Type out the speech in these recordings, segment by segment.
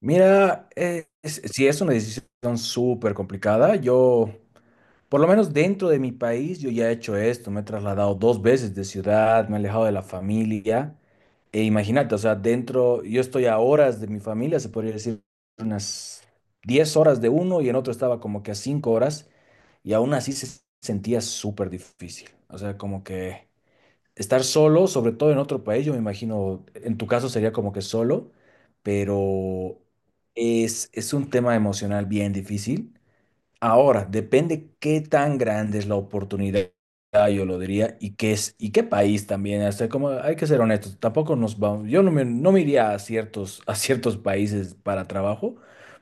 Mira, si es una decisión súper complicada, yo, por lo menos dentro de mi país, yo ya he hecho esto, me he trasladado dos veces de ciudad, me he alejado de la familia. E imagínate, o sea, dentro, yo estoy a horas de mi familia, se podría decir unas 10 horas de uno y en otro estaba como que a 5 horas y aún así se sentía súper difícil. O sea, como que estar solo, sobre todo en otro país, yo me imagino, en tu caso sería como que solo, pero es un tema emocional bien difícil. Ahora, depende qué tan grande es la oportunidad, yo lo diría, y qué es, y qué país también. Hasta como hay que ser honestos, tampoco nos vamos, yo no me, no me iría a ciertos países para trabajo,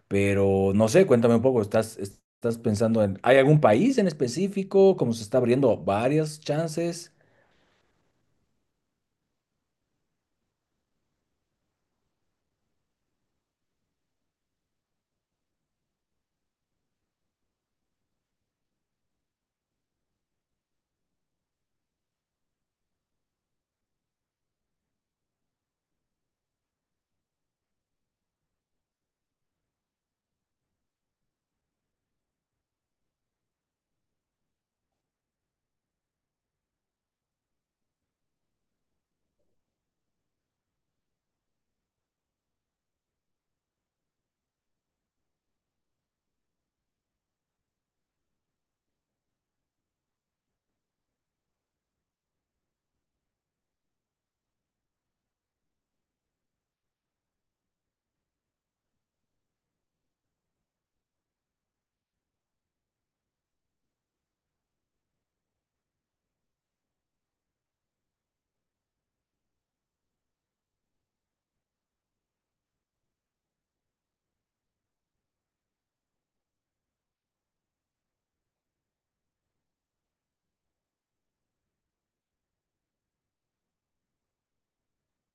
pero no sé, cuéntame un poco, ¿estás pensando en, ¿hay algún país en específico? Como se está abriendo varias chances.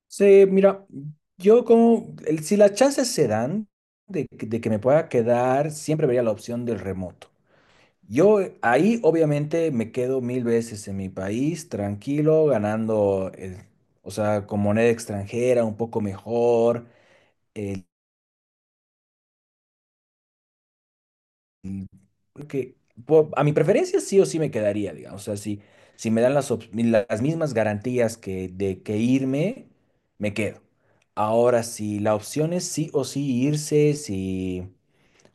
Sí, mira, si las chances se dan que de que me pueda quedar, siempre vería la opción del remoto. Yo ahí obviamente me quedo mil veces en mi país, tranquilo, ganando, o sea, con moneda extranjera, un poco mejor. Mm, creo que a mi preferencia sí o sí me quedaría, digamos. O sea, si, si me dan las mismas garantías que de que irme, me quedo. Ahora, si la opción es sí o sí irse, si.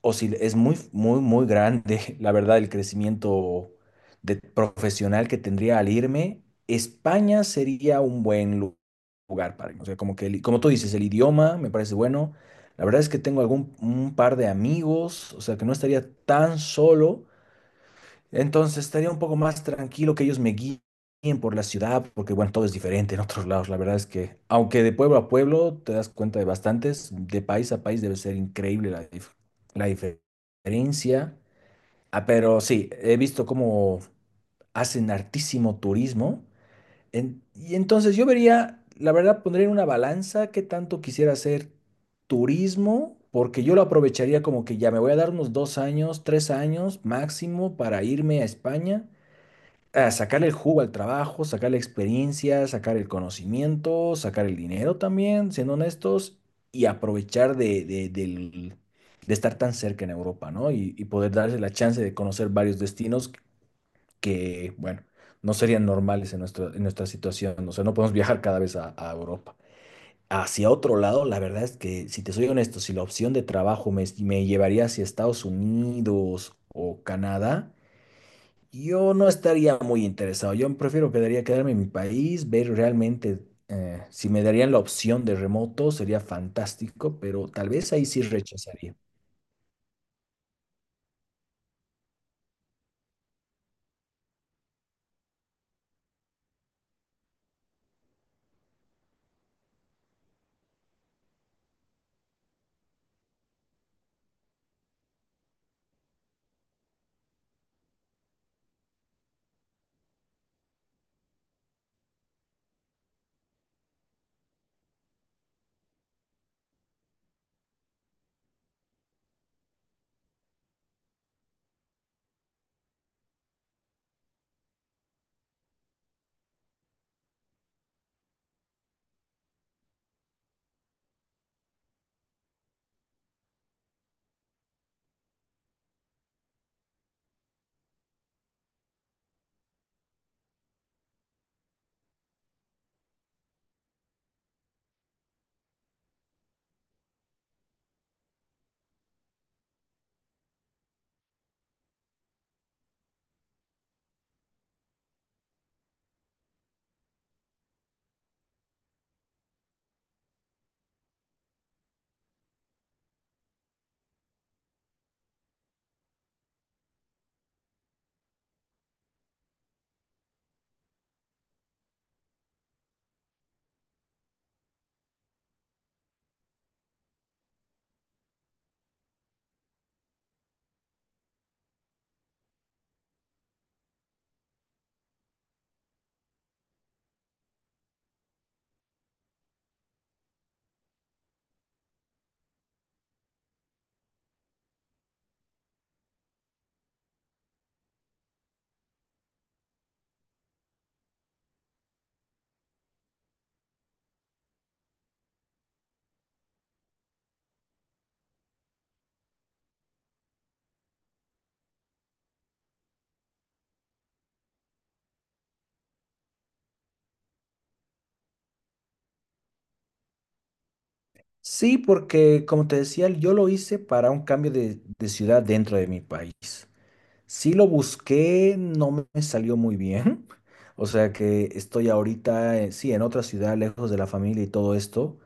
O si es muy, muy, muy grande, la verdad, el crecimiento de profesional que tendría al irme. España sería un buen lugar para mí. O sea, como que, como tú dices, el idioma me parece bueno. La verdad es que tengo algún un par de amigos, o sea, que no estaría tan solo. Entonces estaría un poco más tranquilo que ellos me guíen por la ciudad, porque bueno, todo es diferente en otros lados. La verdad es que, aunque de pueblo a pueblo te das cuenta de bastantes, de país a país debe ser increíble la diferencia. Ah, pero sí, he visto cómo hacen hartísimo turismo. Y entonces yo vería, la verdad, pondría en una balanza qué tanto quisiera hacer turismo, porque yo lo aprovecharía como que ya me voy a dar unos 2 años, 3 años máximo para irme a España a sacarle el jugo al trabajo, sacar la experiencia, sacar el conocimiento, sacar el dinero también, siendo honestos, y aprovechar de estar tan cerca en Europa, ¿no? Y poder darse la chance de conocer varios destinos que, bueno, no serían normales en nuestra situación. O sea, no podemos viajar cada vez a Europa. Hacia otro lado, la verdad es que, si te soy honesto, si la opción de trabajo me llevaría hacia Estados Unidos o Canadá, yo no estaría muy interesado. Yo prefiero quedaría quedarme en mi país, ver realmente si me darían la opción de remoto, sería fantástico, pero tal vez ahí sí rechazaría. Sí, porque como te decía, yo lo hice para un cambio de ciudad dentro de mi país. Sí lo busqué, no me salió muy bien. O sea que estoy ahorita, sí, en otra ciudad, lejos de la familia y todo esto.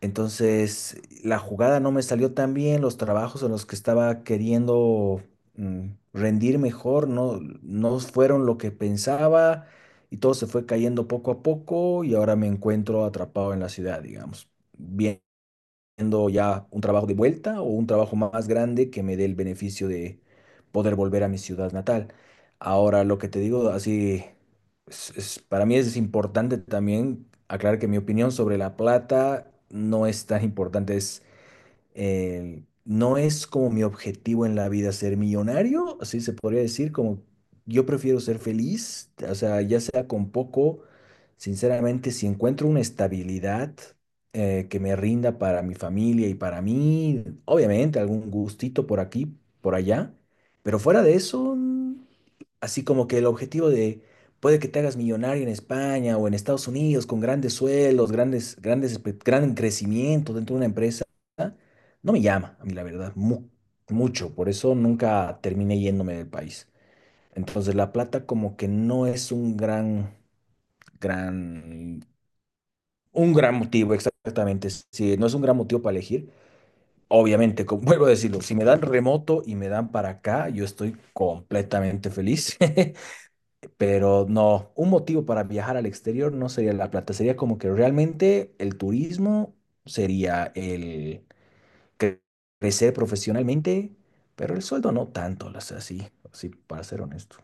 Entonces, la jugada no me salió tan bien, los trabajos en los que estaba queriendo mm, rendir mejor no fueron lo que pensaba y todo se fue cayendo poco a poco y ahora me encuentro atrapado en la ciudad, digamos. Bien, haciendo ya un trabajo de vuelta o un trabajo más grande que me dé el beneficio de poder volver a mi ciudad natal. Ahora, lo que te digo, así, para mí es importante también aclarar que mi opinión sobre La Plata no es tan importante, es no es como mi objetivo en la vida ser millonario, así se podría decir, como yo prefiero ser feliz, o sea, ya sea con poco, sinceramente, si encuentro una estabilidad que me rinda para mi familia y para mí, obviamente algún gustito por aquí, por allá, pero fuera de eso, mm, así como que el objetivo de puede que te hagas millonario en España o en Estados Unidos con grandes sueldos grandes, grandes, gran crecimiento dentro de una empresa, no me llama a mí la verdad, mucho, por eso nunca terminé yéndome del país. Entonces la plata como que no es un gran, gran, un gran motivo, exactamente, sí, no es un gran motivo para elegir. Obviamente, como vuelvo a decirlo, si me dan remoto y me dan para acá, yo estoy completamente feliz. Pero no, un motivo para viajar al exterior no sería La Plata, sería como que realmente el turismo sería el cre- crecer profesionalmente, pero el sueldo no tanto, o sea, sí, sí, para ser honesto.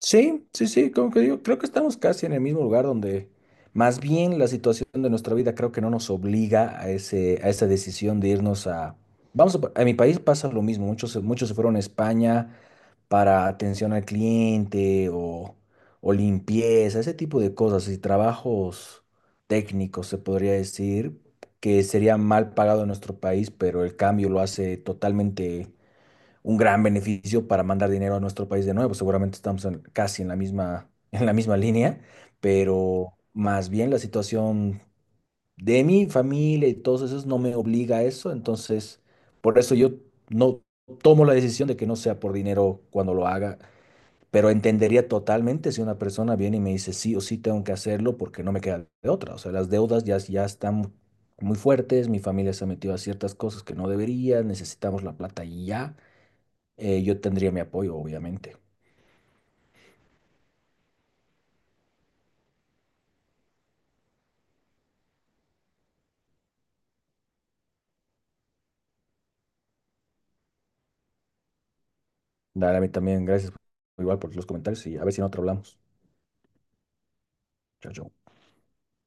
Sí, sí, sí, como que digo, creo que estamos casi en el mismo lugar donde más bien la situación de nuestra vida creo que no nos obliga a ese, a esa decisión de irnos a... Vamos a, a mi país pasa lo mismo, muchos, muchos se fueron a España para atención al cliente o limpieza, ese tipo de cosas y trabajos técnicos, se podría decir, que sería mal pagado en nuestro país, pero el cambio lo hace totalmente un gran beneficio para mandar dinero a nuestro país de nuevo. Seguramente estamos casi en la misma, en la misma línea, pero más bien la situación de mi familia y todos esos no me obliga a eso, entonces por eso yo no tomo la decisión de que no sea por dinero cuando lo haga. Pero entendería totalmente si una persona viene y me dice sí o sí tengo que hacerlo porque no me queda de otra. O sea, las deudas ya, ya están muy fuertes, mi familia se ha metido a ciertas cosas que no debería, necesitamos la plata y ya. Yo tendría mi apoyo, obviamente. Dale, a mí también, gracias igual por los comentarios y a ver si en otro hablamos. Chao, chao.